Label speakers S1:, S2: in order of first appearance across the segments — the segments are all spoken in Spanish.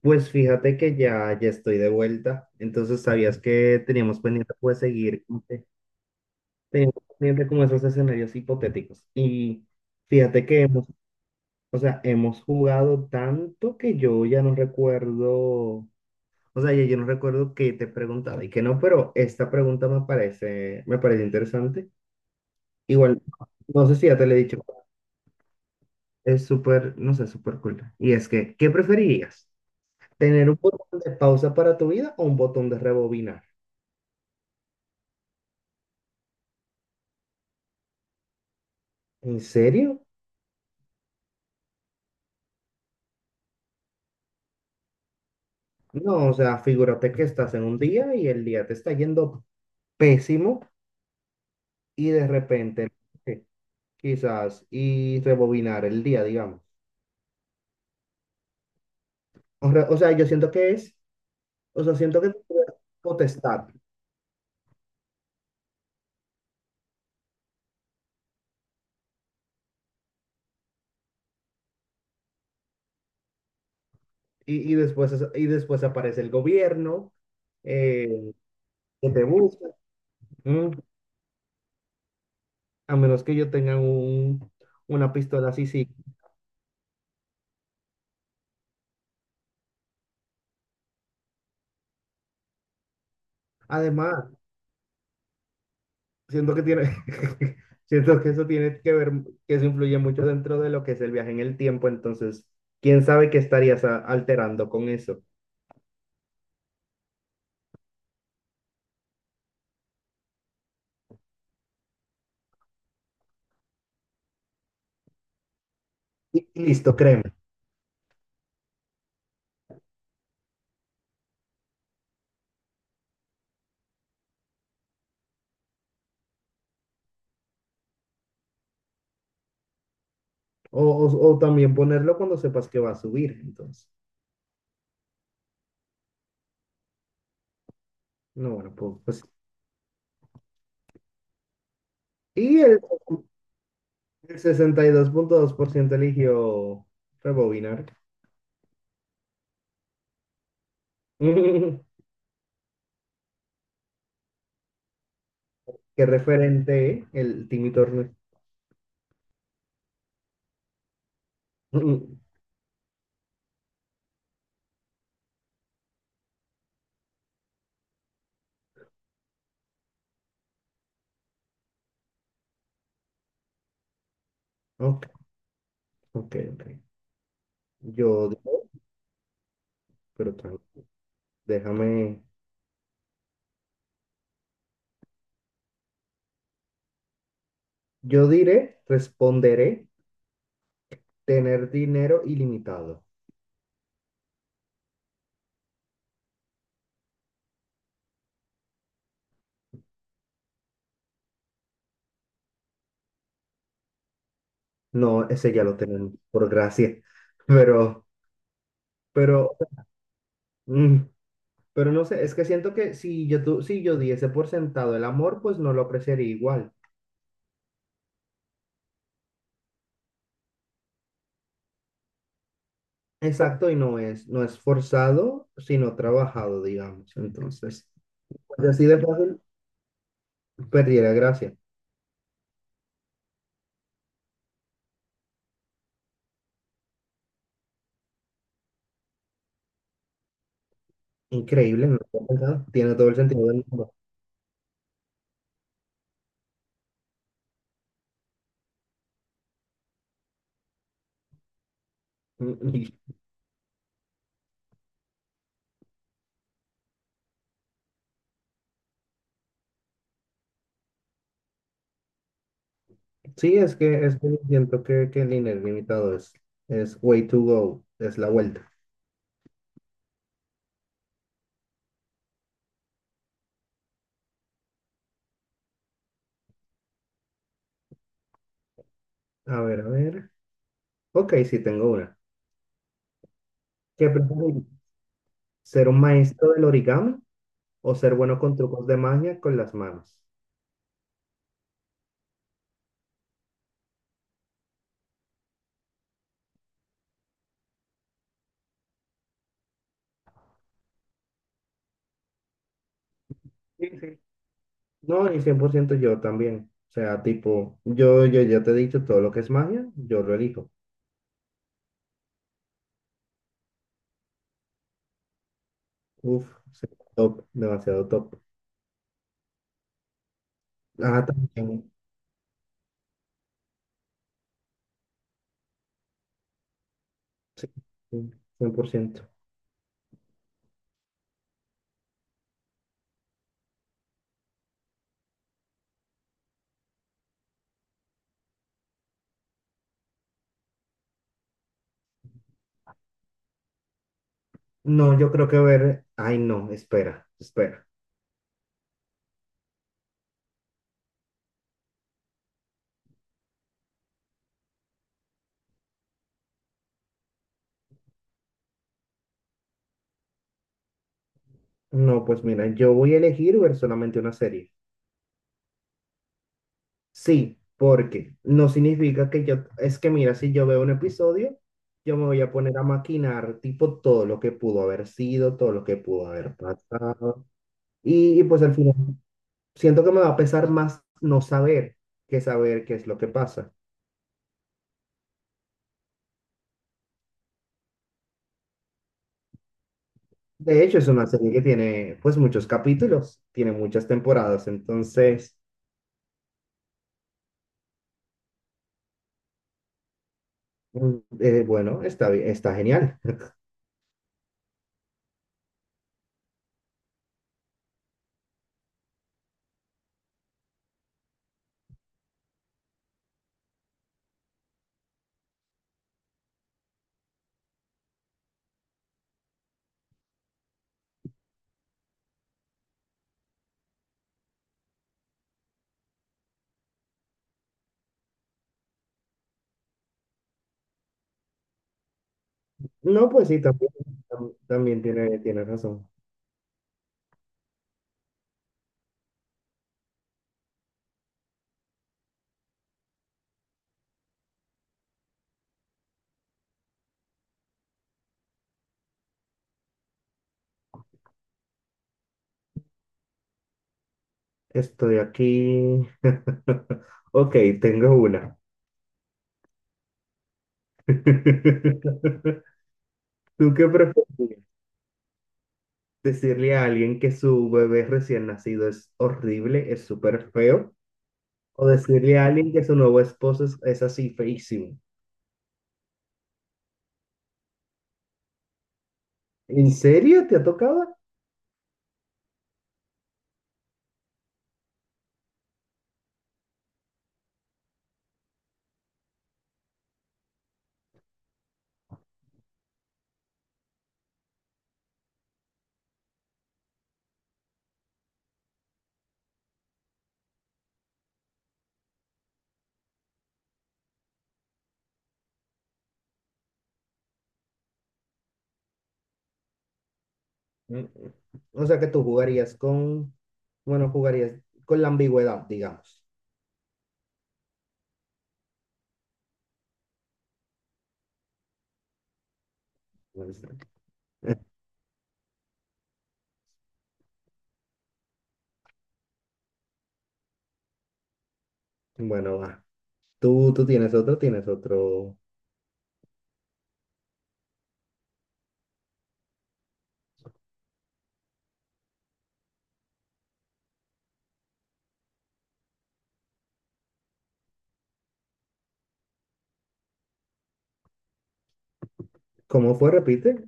S1: Pues fíjate que ya estoy de vuelta. Entonces, ¿sabías que teníamos pendiente, pues, seguir, como que teníamos pendiente como esos escenarios hipotéticos? Y fíjate que o sea, hemos jugado tanto que yo ya no recuerdo, o sea, ya yo no recuerdo qué te preguntaba y qué no, pero esta pregunta me parece interesante. Igual, no sé si ya te lo he dicho, es súper, no sé, súper cool. Y es que, ¿qué preferirías? ¿Tener un botón de pausa para tu vida o un botón de rebobinar? ¿En serio? No, o sea, figúrate que estás en un día y el día te está yendo pésimo y de repente, eh, quizás, y rebobinar el día, digamos. O, o sea, yo siento que es, o sea, siento que es potestad. Y después aparece el gobierno, eh, que te busca, mm, a menos que yo tenga una pistola así, sí. Además, siento que tiene, siento que eso tiene que ver, que eso influye mucho dentro de lo que es el viaje en el tiempo. Entonces, quién sabe qué estarías alterando con eso. Y listo, créeme. O, o, o también ponerlo cuando sepas que va a subir, entonces. No, bueno, pues. Y el sesenta y dos punto dos por ciento eligió rebobinar. Qué referente, ¿eh?, el Timmy Turner. Ok, ok, ok. Yo digo, pero tranquilo, déjame. Yo diré, responderé, tener dinero ilimitado. No, ese ya lo tenemos, por gracia. Pero, pero, mm, pero no sé, es que siento que si yo, si yo diese por sentado el amor, pues no lo apreciaría igual. Exacto, y no es forzado, sino trabajado, digamos. Entonces, pues así de fácil, perdiera gracia. Increíble, no lo había pensado. Tiene todo el sentido del mundo. Sí, es que siento que el INE limitado es way to go, es la vuelta. A ver, a ver. Ok, sí, tengo una. ¿Qué preferís? ¿Ser un maestro del origami o ser bueno con trucos de magia con las manos? Sí, sí. No, y 100% yo también. O sea, tipo, yo ya te he dicho, todo lo que es magia, yo lo elijo. Uf, sí, top, demasiado top. Ah, también. Sí, sí, 100%. No, yo creo que ver. Ay, no, espera, espera. No, pues mira, yo voy a elegir ver solamente una serie. Sí, porque no significa que yo, es que mira, si yo veo un episodio, yo me voy a poner a maquinar, tipo, todo lo que pudo haber sido, todo lo que pudo haber pasado. Y pues al final, siento que me va a pesar más no saber que saber qué es lo que pasa. De hecho, es una serie que tiene pues muchos capítulos, tiene muchas temporadas. Entonces, mm, bueno, está, está genial. No, pues sí, también, también tiene razón. Estoy aquí. Ok, tengo una. ¿Tú qué prefieres? ¿Decirle a alguien que su bebé recién nacido es horrible, es súper feo? ¿O decirle a alguien que su nuevo esposo es así feísimo? ¿En serio te ha tocado? Mm, mm. O sea que tú jugarías con, bueno, jugarías con la ambigüedad, digamos. Bueno, va. Tú tienes otro. ¿Cómo fue? Repite.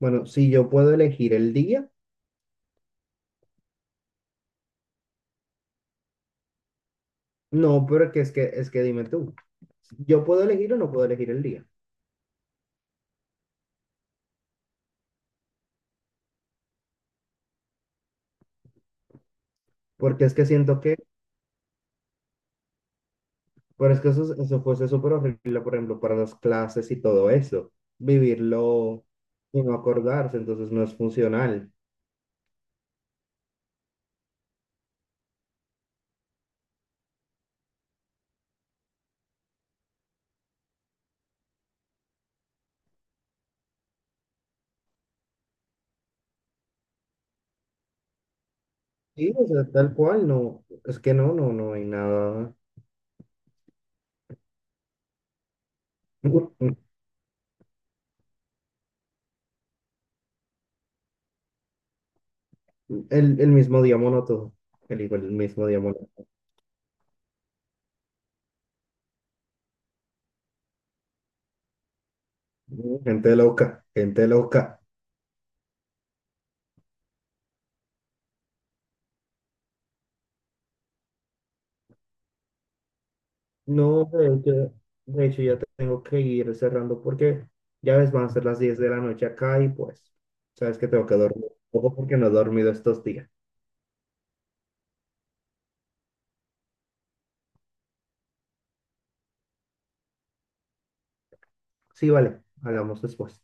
S1: Bueno, si yo puedo elegir el día, no, pero que es que es que dime tú. ¿Yo puedo elegir o no puedo elegir el día? Porque es que siento que, pero es que eso fuese súper horrible, por ejemplo, para las clases y todo eso. Vivirlo y no acordarse, entonces no es funcional. Sí, o sea, tal cual, no, es que no hay nada. El mismo día monótono, elijo el mismo día monótono. Gente loca, gente loca. No, de hecho, ya tengo que ir cerrando porque ya ves, van a ser las 10 de la noche acá y pues, sabes que tengo que dormir un poco porque no he dormido estos días. Sí, vale, hablamos después.